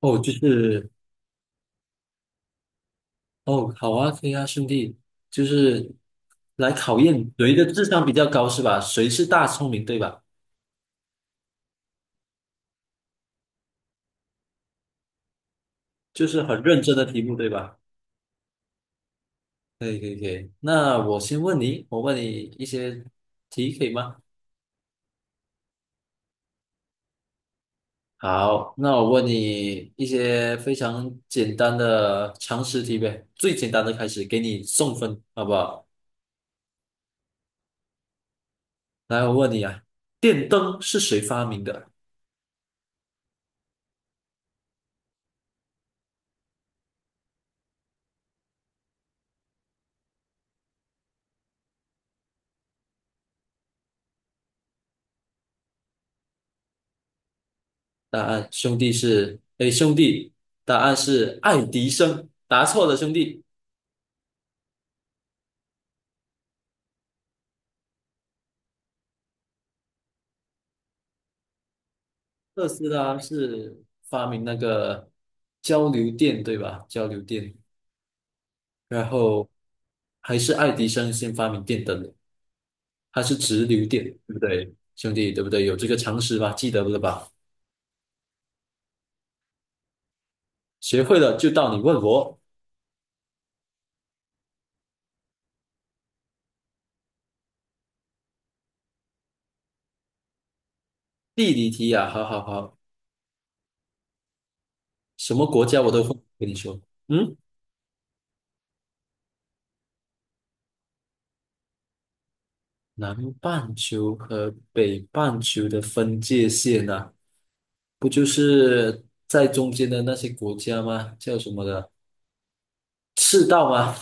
哦，就是哦，好啊，可以啊，兄弟，就是来考验谁的智商比较高是吧？谁是大聪明对吧？就是很认真的题目对吧？可以可以可以，那我先问你，我问你一些题可以吗？好，那我问你一些非常简单的常识题呗，最简单的开始，给你送分，好不好？来，我问你啊，电灯是谁发明的？答案兄弟是，哎，兄弟，答案是爱迪生，答错了，兄弟。特斯拉是发明那个交流电，对吧？交流电，然后还是爱迪生先发明电灯的，它是直流电，对不对，兄弟？对不对？有这个常识吧？记得了吧？学会了就到你问我地理题呀、好好好，什么国家我都会跟你说。嗯。南半球和北半球的分界线啊，不就是在中间的那些国家吗？叫什么的？赤道吗？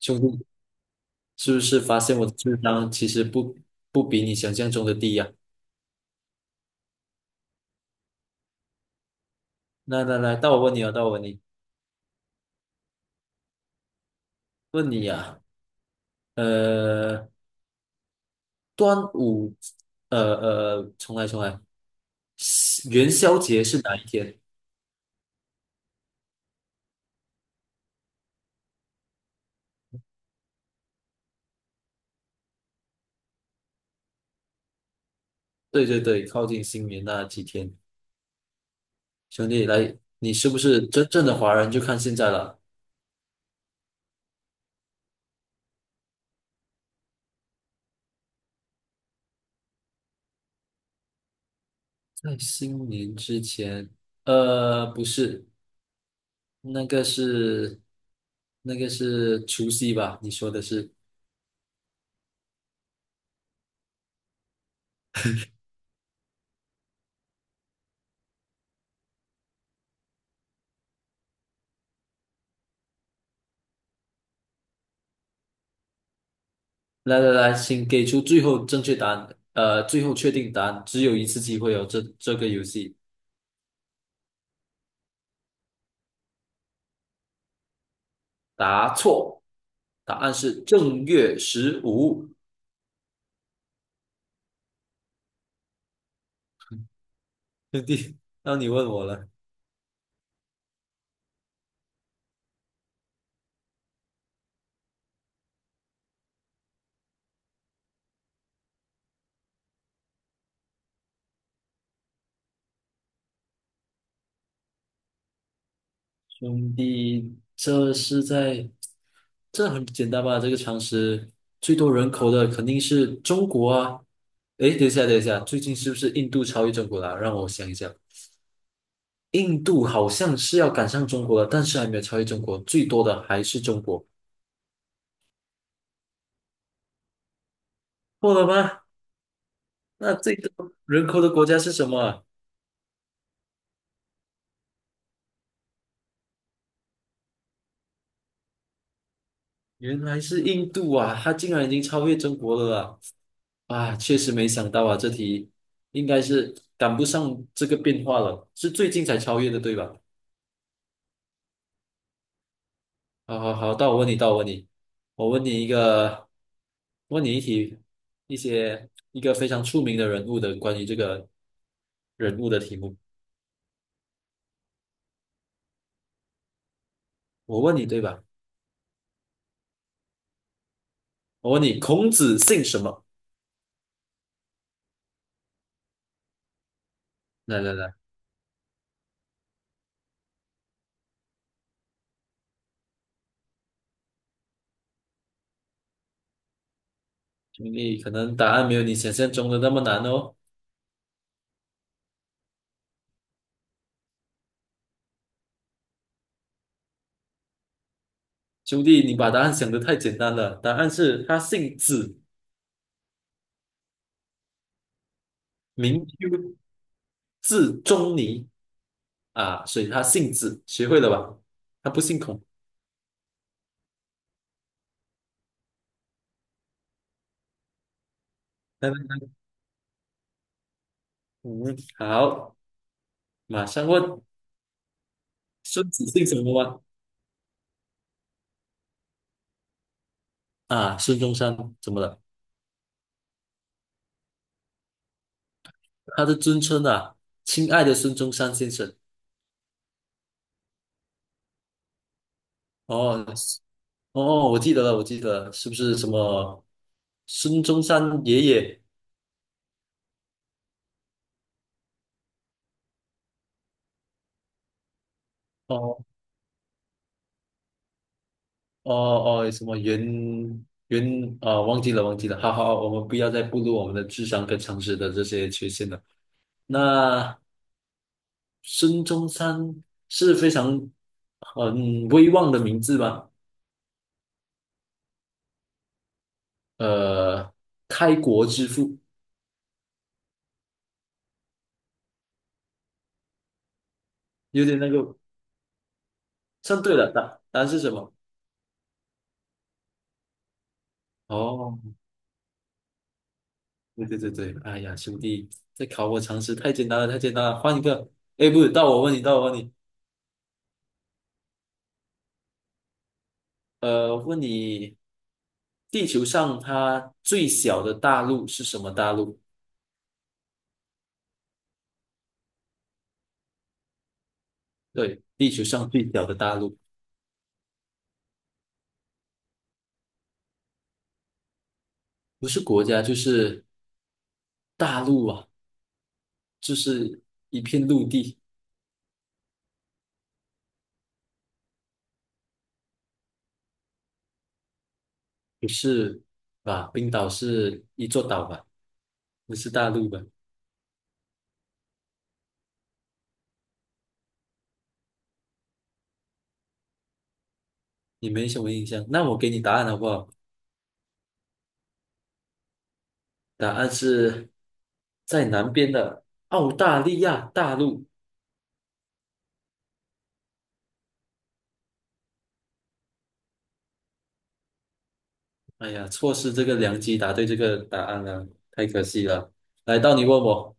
兄弟，是不是发现我的智商其实不不比你想象中的低呀、来来来，到我问你啊，到我问你，问你呀、呃，端午，重来重来，元宵节是哪一天？对对对，靠近新年那几天。兄弟，来，你是不是真正的华人？就看现在了。在新年之前，不是，那个是那个是除夕吧？你说的是？来来来，请给出最后正确答案，最后确定答案，只有一次机会哦。这这个游戏答错，答案是正月15。兄弟，那你问我了。兄弟，这是在，这很简单吧？这个常识，最多人口的肯定是中国啊。诶，等一下，等一下，最近是不是印度超越中国了？让我想一想，印度好像是要赶上中国了，但是还没有超越中国，最多的还是中国，错了吗？那最多人口的国家是什么啊原来是印度啊，它竟然已经超越中国了啦！啊，确实没想到啊，这题应该是赶不上这个变化了，是最近才超越的，对吧？好好好，到我问你，到我问你，我问你一个，问你一题，一些一个非常出名的人物的关于这个人物的题目。我问你对吧？我问你，孔子姓什么？来来来，兄弟，可能答案没有你想象中的那么难哦。兄弟，你把答案想得太简单了，答案是他姓子，名丘，字仲尼啊，所以他姓子，学会了吧？他不姓孔。来来嗯，好，马上问。孙子姓什么吗？啊，孙中山怎么了？他的尊称啊，亲爱的孙中山先生。哦，哦，我记得了，我记得了，是不是什么孙中山爷爷？哦哦哦，什么袁袁啊、忘记了，忘记了。好好，我们不要再步入我们的智商跟常识的这些缺陷了。那孙中山是非常很威望的名字吧？呃，开国之父，有点那个算对了，答答案是什么？哦，对对对对，哎呀，兄弟，这考我常识太简单了，太简单了，换一个。哎，不是，到我问你，到我问你，问你，地球上它最小的大陆是什么大陆？对，地球上最小的大陆，不是国家就是大陆啊，就是一片陆地，不是吧？冰岛是一座岛吧？不是大陆吧？你没什么印象，那我给你答案好不好？答案是在南边的澳大利亚大陆。哎呀，错失这个良机，答对这个答案了，太可惜了。来到你问我，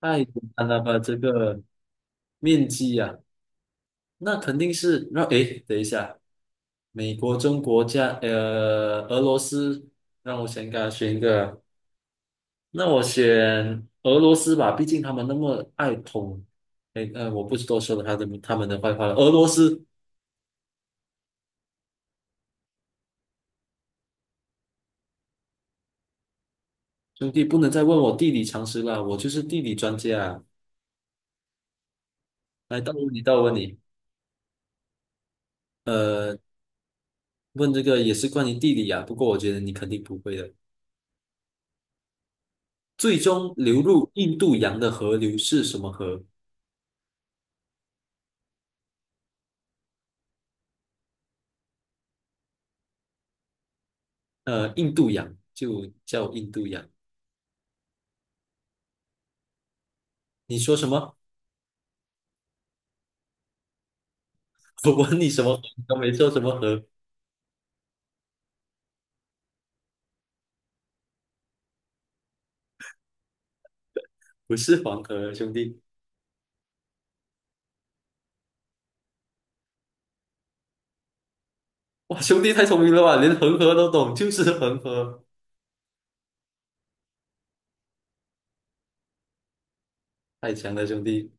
太简单了吧？这个面积呀、那肯定是让诶，等一下，美国、中国加俄罗斯，让我先给他选一个，那我选俄罗斯吧，毕竟他们那么爱捅，诶我不是多说了他的他们的坏话了，俄罗斯。兄弟，不能再问我地理常识了，我就是地理专家啊。来，到问你，到问你，呃，问这个也是关于地理啊，不过我觉得你肯定不会的。最终流入印度洋的河流是什么河？印度洋就叫印度洋。你说什么？我问你什么河？你都没说什么河，不是黄河，兄弟。哇，兄弟太聪明了吧，连恒河都懂，就是恒河，太强了，兄弟。